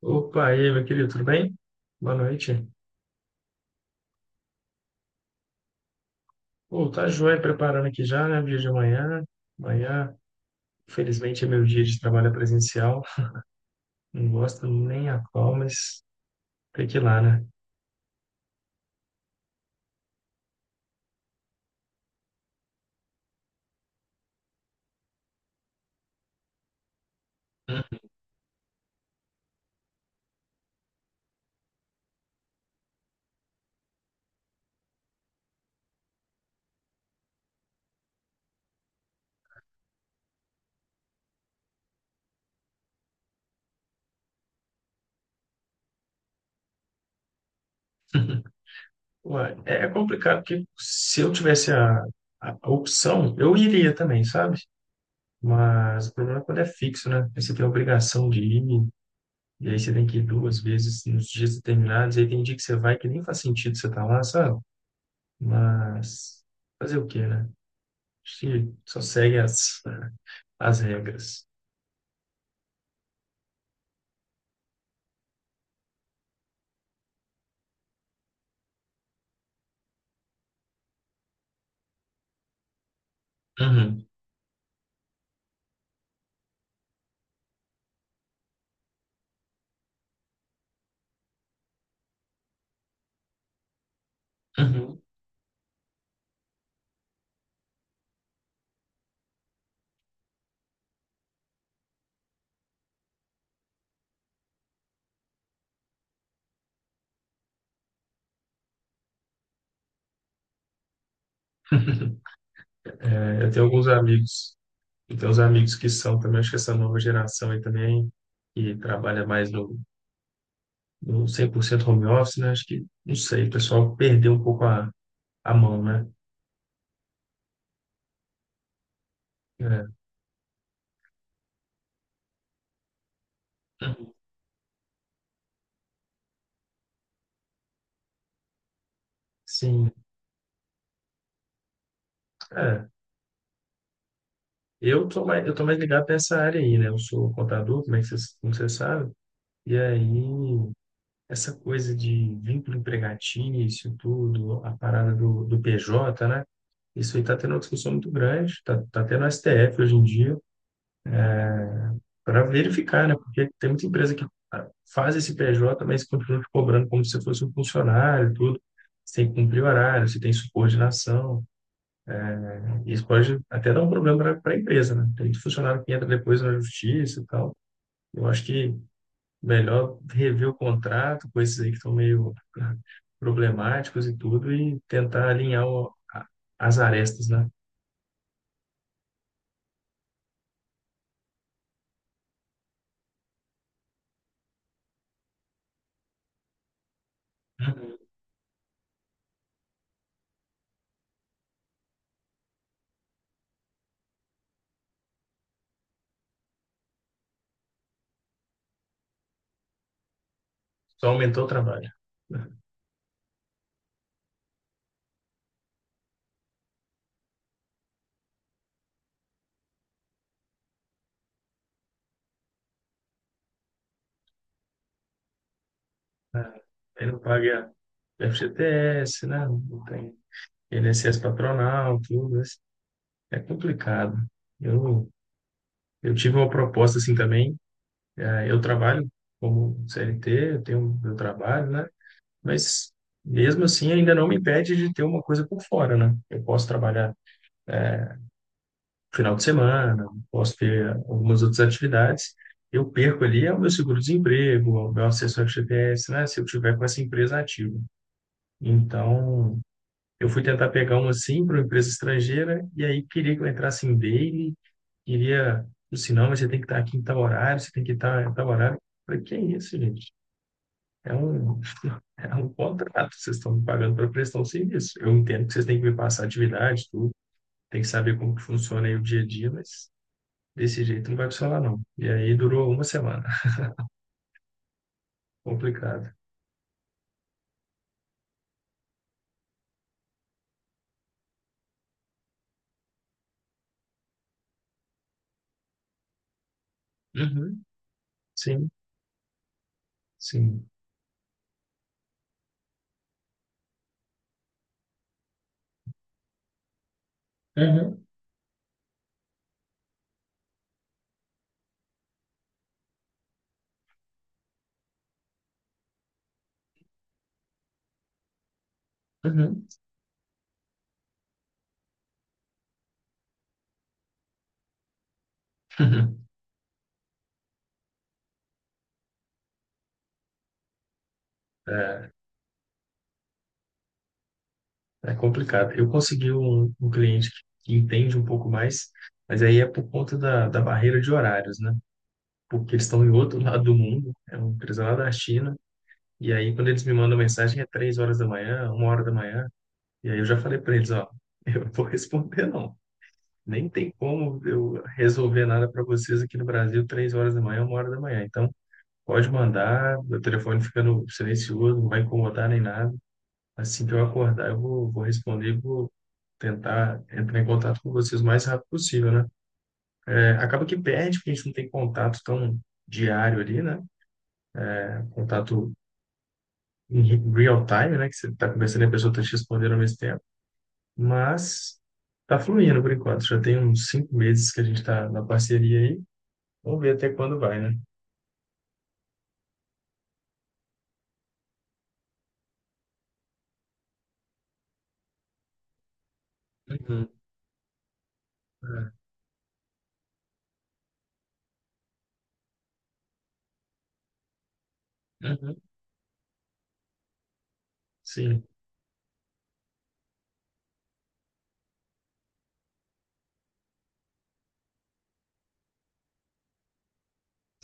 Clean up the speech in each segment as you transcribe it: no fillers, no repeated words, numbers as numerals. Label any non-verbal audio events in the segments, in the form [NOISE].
Opa, e aí, meu querido, tudo bem? Boa noite. Pô, tá joia preparando aqui já, né? Dia de amanhã. Amanhã, felizmente, é meu dia de trabalho presencial. Não gosto nem a qual, mas tem que ir lá, né? [LAUGHS] Ué, é complicado, porque se eu tivesse a opção, eu iria também, sabe? Mas o problema é quando é fixo, né? Aí você tem a obrigação de ir, e aí você tem que ir duas vezes nos dias determinados, aí tem dia que você vai que nem faz sentido você estar lá, sabe? Mas fazer o quê, né? Acho que só segue as regras. Uhum, uhum. [LAUGHS] É, eu tenho alguns amigos, eu tenho uns amigos que são também, acho que essa nova geração aí também, que trabalha mais no 100% home office, né? Acho que, não sei, o pessoal perdeu um pouco a mão, né? É. Uhum. Sim, é. Eu tô mais ligado nessa área aí, né? Eu sou contador, como vocês sabem, e aí essa coisa de vínculo empregatício, tudo, a parada do PJ, né? Isso aí está tendo uma discussão muito grande, está tá tendo STF hoje em dia, para verificar, né? Porque tem muita empresa que faz esse PJ, mas continua te cobrando como se fosse um funcionário, e tudo. Você tem que cumprir horário, você tem subordinação. Isso pode até dar um problema para a empresa, né? Tem muito funcionário que entra depois na justiça e tal. Eu acho que melhor rever o contrato, coisas aí que estão meio [LAUGHS] problemáticos e tudo, e tentar alinhar as arestas, né? Uhum. Só aumentou o trabalho. Né? Né? Aí não paga FGTS, né? Não tem INSS patronal, tudo. Isso. É complicado. Eu, eu tive uma proposta assim também. Eu trabalho como CLT, eu tenho meu trabalho, né? Mas mesmo assim ainda não me impede de ter uma coisa por fora, né? Eu posso trabalhar é, final de semana, posso ter algumas outras atividades. Eu perco ali é o meu seguro-desemprego, é o meu acesso ao FGTS, né? Se eu tiver com essa empresa ativa. Então, eu fui tentar pegar uma assim para uma empresa estrangeira e aí queria que eu entrasse em daily, queria, o sinal, mas você tem que estar aqui em tal horário, você tem que estar em tal horário. Eu falei, que é isso, gente? É um, é um contrato, vocês estão me pagando para prestar um serviço. Eu entendo que vocês têm que me passar atividade, tudo, tem que saber como que funciona aí o dia a dia, mas desse jeito não vai funcionar, não. E aí durou uma semana. [LAUGHS] Complicado. Uhum, sim, sim. Uhum, uhum. [LAUGHS] É complicado. Eu consegui um cliente que entende um pouco mais, mas aí é por conta da barreira de horários, né? Porque eles estão em outro [LAUGHS] lado do mundo, é uma empresa lá da China, e aí quando eles me mandam mensagem é 3 horas da manhã, 1 hora da manhã, e aí eu já falei para eles, ó, [LAUGHS] eu não vou responder não. Nem tem como eu resolver nada para vocês aqui no Brasil 3 horas da manhã, uma hora da manhã. Então, pode mandar, meu telefone fica no silencioso, não vai incomodar nem nada. Assim que eu acordar, vou responder, e vou tentar entrar em contato com vocês o mais rápido possível, né? É, acaba que perde, porque a gente não tem contato tão diário ali, né? Contato em real time, né? Que você está conversando e a pessoa está te respondendo ao mesmo tempo. Mas está fluindo por enquanto. Já tem uns 5 meses que a gente está na parceria aí. Vamos ver até quando vai, né? Uhum. É. Uhum. Sim.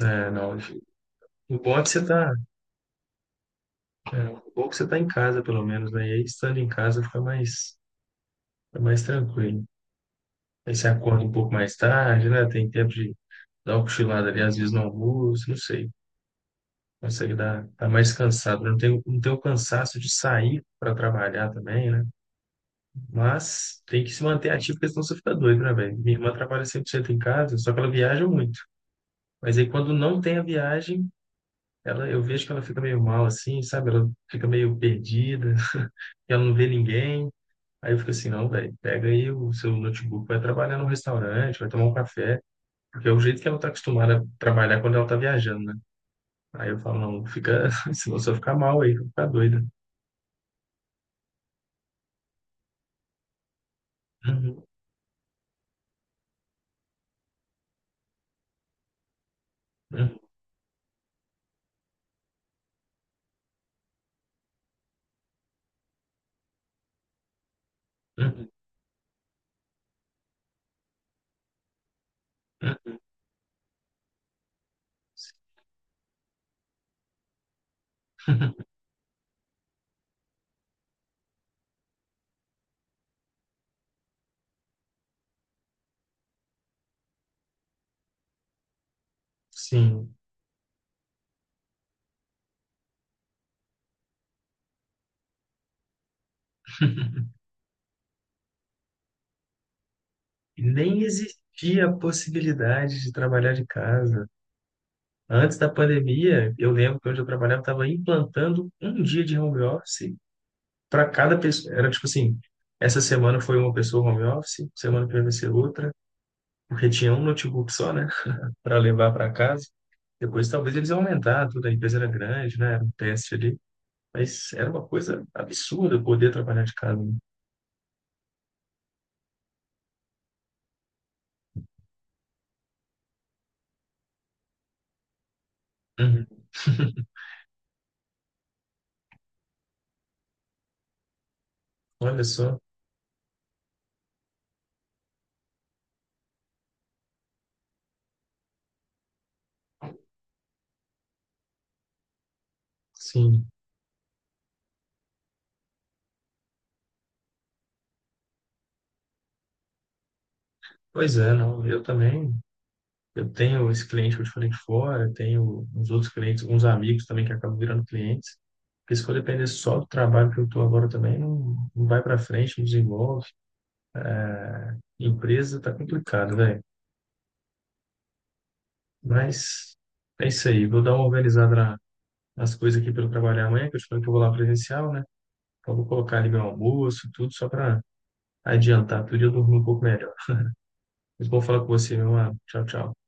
É, não. O bom é que você está, é, o bom é que você tá em casa, pelo menos, né? E aí, estando em casa, fica mais tranquilo. Aí você acorda um pouco mais tarde, né? Tem tempo de dá uma cochilada ali, às vezes no almoço, não sei. Consegue dar, tá mais cansado. Né? Não tem o cansaço de sair para trabalhar também, né? Mas tem que se manter ativo, porque senão você fica doido, né, velho? Minha irmã trabalha 100% em casa, só que ela viaja muito. Mas aí quando não tem a viagem, ela, eu vejo que ela fica meio mal assim, sabe? Ela fica meio perdida, [LAUGHS] que ela não vê ninguém. Aí eu fico assim, não, velho, pega aí o seu notebook, vai trabalhar num restaurante, vai tomar um café, porque é o jeito que ela tá acostumada a trabalhar quando ela tá viajando, né? Aí eu falo, não, fica, [LAUGHS] se você ficar mal aí, vai ficar doida. Uhum, uhum, uhum, uhum. [LAUGHS] Sim. E nem existia a possibilidade de trabalhar de casa. Antes da pandemia, eu lembro que onde eu trabalhava estava implantando um dia de home office para cada pessoa. Era tipo assim, essa semana foi uma pessoa home office, semana que vem vai ser outra, porque tinha um notebook só, né, para levar para casa. Depois talvez eles iam aumentar, tudo, a empresa era grande, né, era um teste ali. Mas era uma coisa absurda eu poder trabalhar de casa. Né? Uhum. [LAUGHS] Olha só, sim. Pois é, não, eu também. Eu tenho esse cliente que eu te falei de fora, tenho uns outros clientes, uns amigos também que acabam virando clientes. Porque se for depender só do trabalho que eu estou agora também, não, não vai para frente, não desenvolve. Empresa tá complicado, velho. Mas é isso aí. Vou dar uma organizada nas coisas aqui para eu trabalhar amanhã, que eu te falei que eu vou lá presencial, né? Então vou colocar ali meu almoço, tudo, só para adiantar tudo e eu dormir um pouco melhor. Muito bom falar com você, meu mano. Tchau, tchau.